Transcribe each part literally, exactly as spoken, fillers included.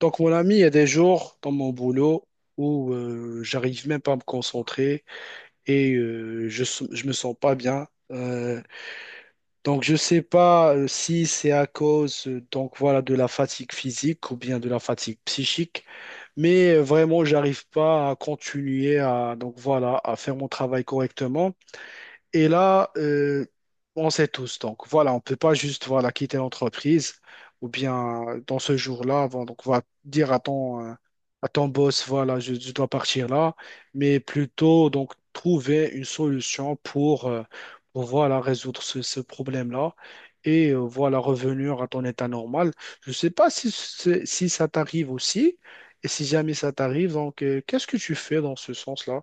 Donc, mon ami, il y a des jours dans mon boulot où euh, j'arrive même pas à me concentrer et euh, je, s- je me sens pas bien. Euh, donc, je sais pas euh, si c'est à cause, euh, donc voilà, de la fatigue physique ou bien de la fatigue psychique, mais euh, vraiment, j'arrive pas à continuer à, donc voilà, à faire mon travail correctement. Et là, euh, on sait tous. Donc voilà, on ne peut pas juste, voilà, quitter l'entreprise ou bien euh, dans ce jour-là, bon, donc on va dire à ton, euh, à ton boss, voilà, je, je dois partir là, mais plutôt donc trouver une solution pour, euh, pour, voilà, résoudre ce, ce problème-là et euh, voilà, revenir à ton état normal. Je ne sais pas si, c'est- si ça t'arrive aussi. Et si jamais ça t'arrive, donc euh, qu'est-ce que tu fais dans ce sens-là?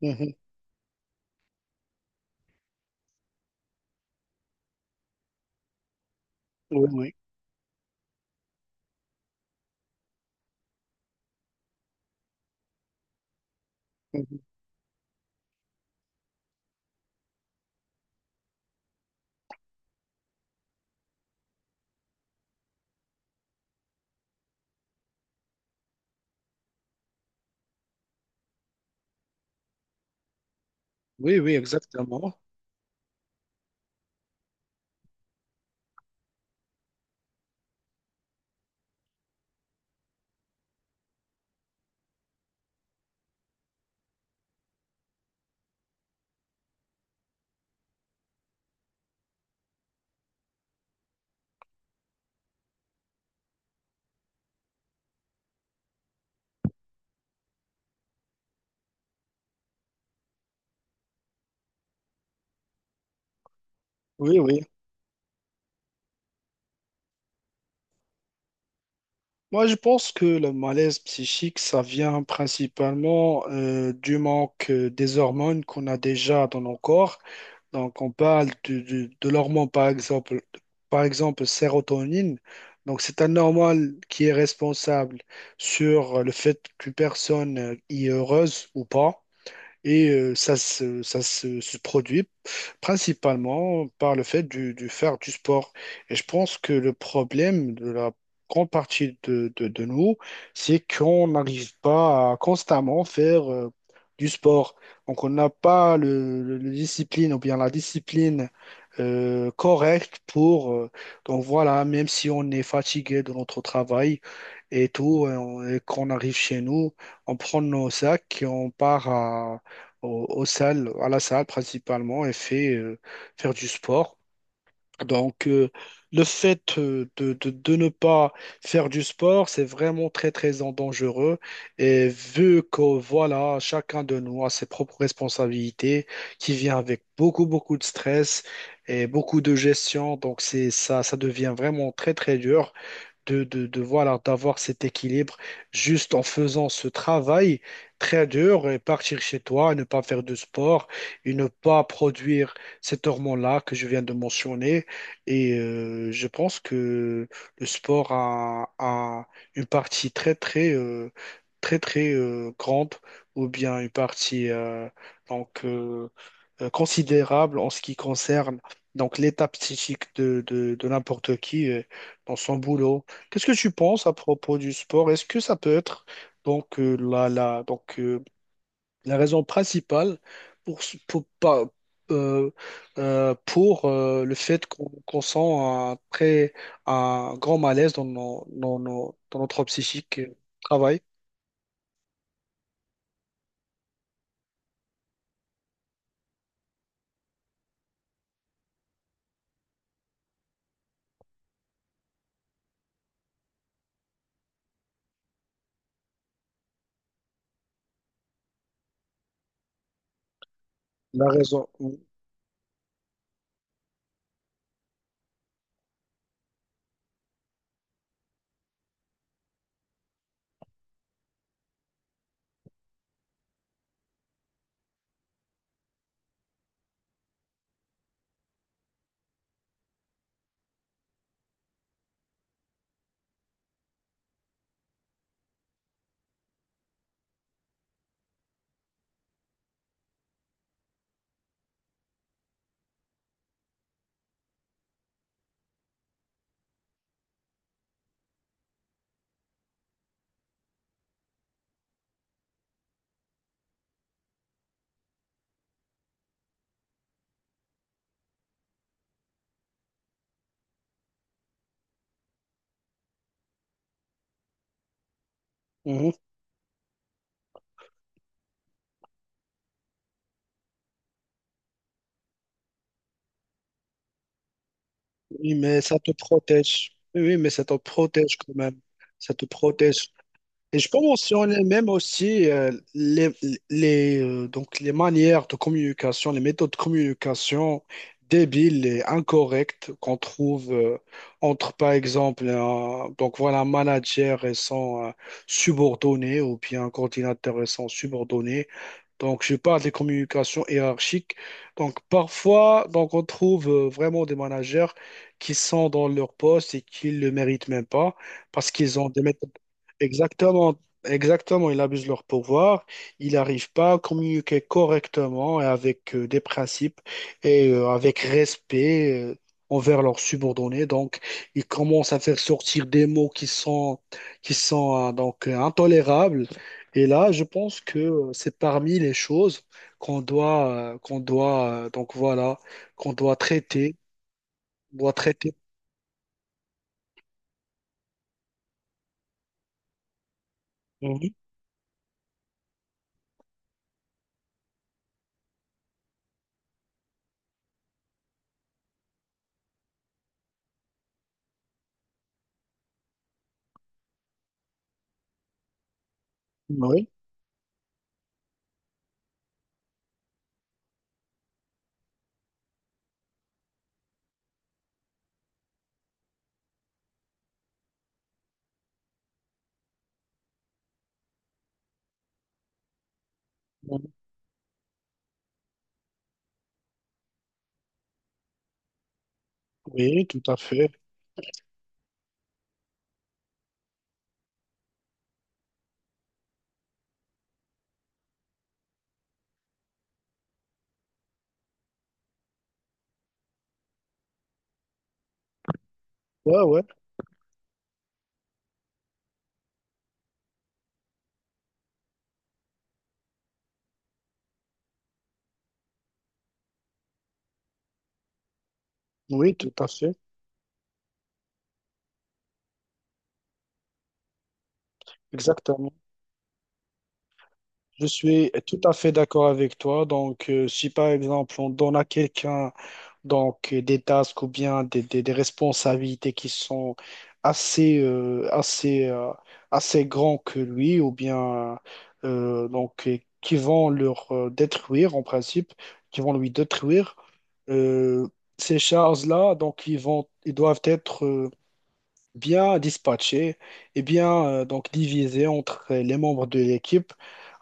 Mhm. Oui, oui. Mhm. Oui, oui, exactement. Oui, oui. Moi, je pense que le malaise psychique, ça vient principalement euh, du manque euh, des hormones qu'on a déjà dans nos corps. Donc, on parle de, de, de l'hormone, par exemple, par exemple, sérotonine. Donc, c'est un hormone qui est responsable sur le fait qu'une personne euh, y est heureuse ou pas. Et euh, ça se, ça se, se produit principalement par le fait du, du faire du sport. Et je pense que le problème de la grande partie de, de, de nous, c'est qu'on n'arrive pas à constamment faire euh, du sport. Donc on n'a pas le, le- le discipline ou bien la discipline euh, correct pour... euh, donc voilà, même si on est fatigué de notre travail et tout, et, on- et qu'on arrive chez nous, on prend nos sacs et on part à, au, au salle, à la salle principalement et fait, euh, faire du sport. Donc, euh, le fait euh, de, de- de ne pas faire du sport, c'est vraiment très, très en dangereux. Et vu que, voilà, chacun de nous a ses propres responsabilités qui vient avec beaucoup, beaucoup de stress et beaucoup de gestion, donc c'est ça, ça devient vraiment très, très dur de, de, de, voilà, d'avoir cet équilibre juste en faisant ce travail très dur et partir chez toi, ne pas faire de sport et ne pas produire cet hormone-là que je viens de mentionner. Et euh, je pense que le sport a, a une partie très, très, euh, très, très euh, grande ou bien une partie euh, donc, euh, euh, considérable en ce qui concerne donc l'état psychique de, de- de n'importe qui euh, dans son boulot. Qu'est-ce que tu penses à propos du sport? Est-ce que ça peut être donc euh, la, la- donc euh, la raison principale pour, ce- pour, pas- euh, euh, pour euh, le fait qu'on qu'on sent un, très, un grand malaise dans, nos- dans nos- dans notre psychique euh, travail. La raison. Mhm. Mhm. Oui, mais ça te protège. Oui, oui, mais ça te protège quand même. Ça te protège. Et je peux mentionner même aussi euh, les, les, euh, donc les manières de communication, les méthodes de communication débiles et incorrectes qu'on trouve euh, entre, par exemple, un, donc voilà, un manager et son euh, subordonné ou bien un coordinateur et son subordonné. Donc, je parle des communications hiérarchiques. Donc, parfois, donc, on trouve euh, vraiment des managers qui sont dans leur poste et qui ne le méritent même pas parce qu'ils ont des méthodes. Exactement, exactement, ils abusent de leur pouvoir, ils n'arrivent pas à communiquer correctement et avec euh, des principes et euh, avec respect euh, envers leurs subordonnés. Donc, ils commencent à faire sortir des mots qui sont, qui sont euh, donc euh, intolérables. Et là, je pense que euh, c'est parmi les choses qu'on doit, euh, qu'on doit, euh, donc voilà, qu'on doit traiter, doit traiter. Mhm. Oui, oui, tout à fait. Ouais, ouais. Oui, tout à fait. Exactement. Je suis tout à fait d'accord avec toi. Donc, euh, si par exemple on donne à quelqu'un donc euh, des tasks ou bien des, des- des responsabilités qui sont assez euh, assez euh, assez grands que lui ou bien euh, donc euh, qui vont leur euh, détruire en principe, qui vont lui détruire euh, ces charges-là. Donc, ils vont ils doivent être euh, bien dispatché et bien euh, donc divisé entre les membres de l'équipe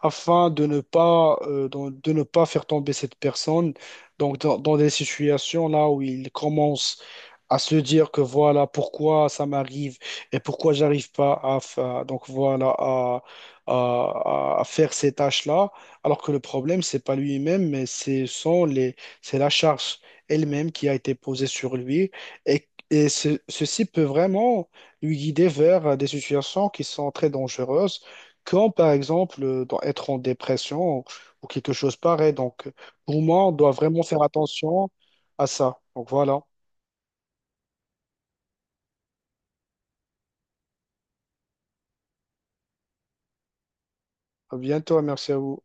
afin de ne pas, euh, de, de ne pas faire tomber cette personne donc dans, dans des situations là où il commence à se dire que voilà pourquoi ça m'arrive et pourquoi j'arrive pas à, fa- donc voilà à, à- à faire ces tâches-là alors que le problème c'est pas lui-même mais c'est sont les c'est la charge elle-même qui a été posée sur lui et et ce- ceci peut vraiment lui guider vers euh, des situations qui sont très dangereuses, comme par exemple euh, dans- être en dépression ou quelque chose pareil. Donc, pour moi, on doit vraiment faire attention à ça. Donc voilà. À bientôt, et merci à vous.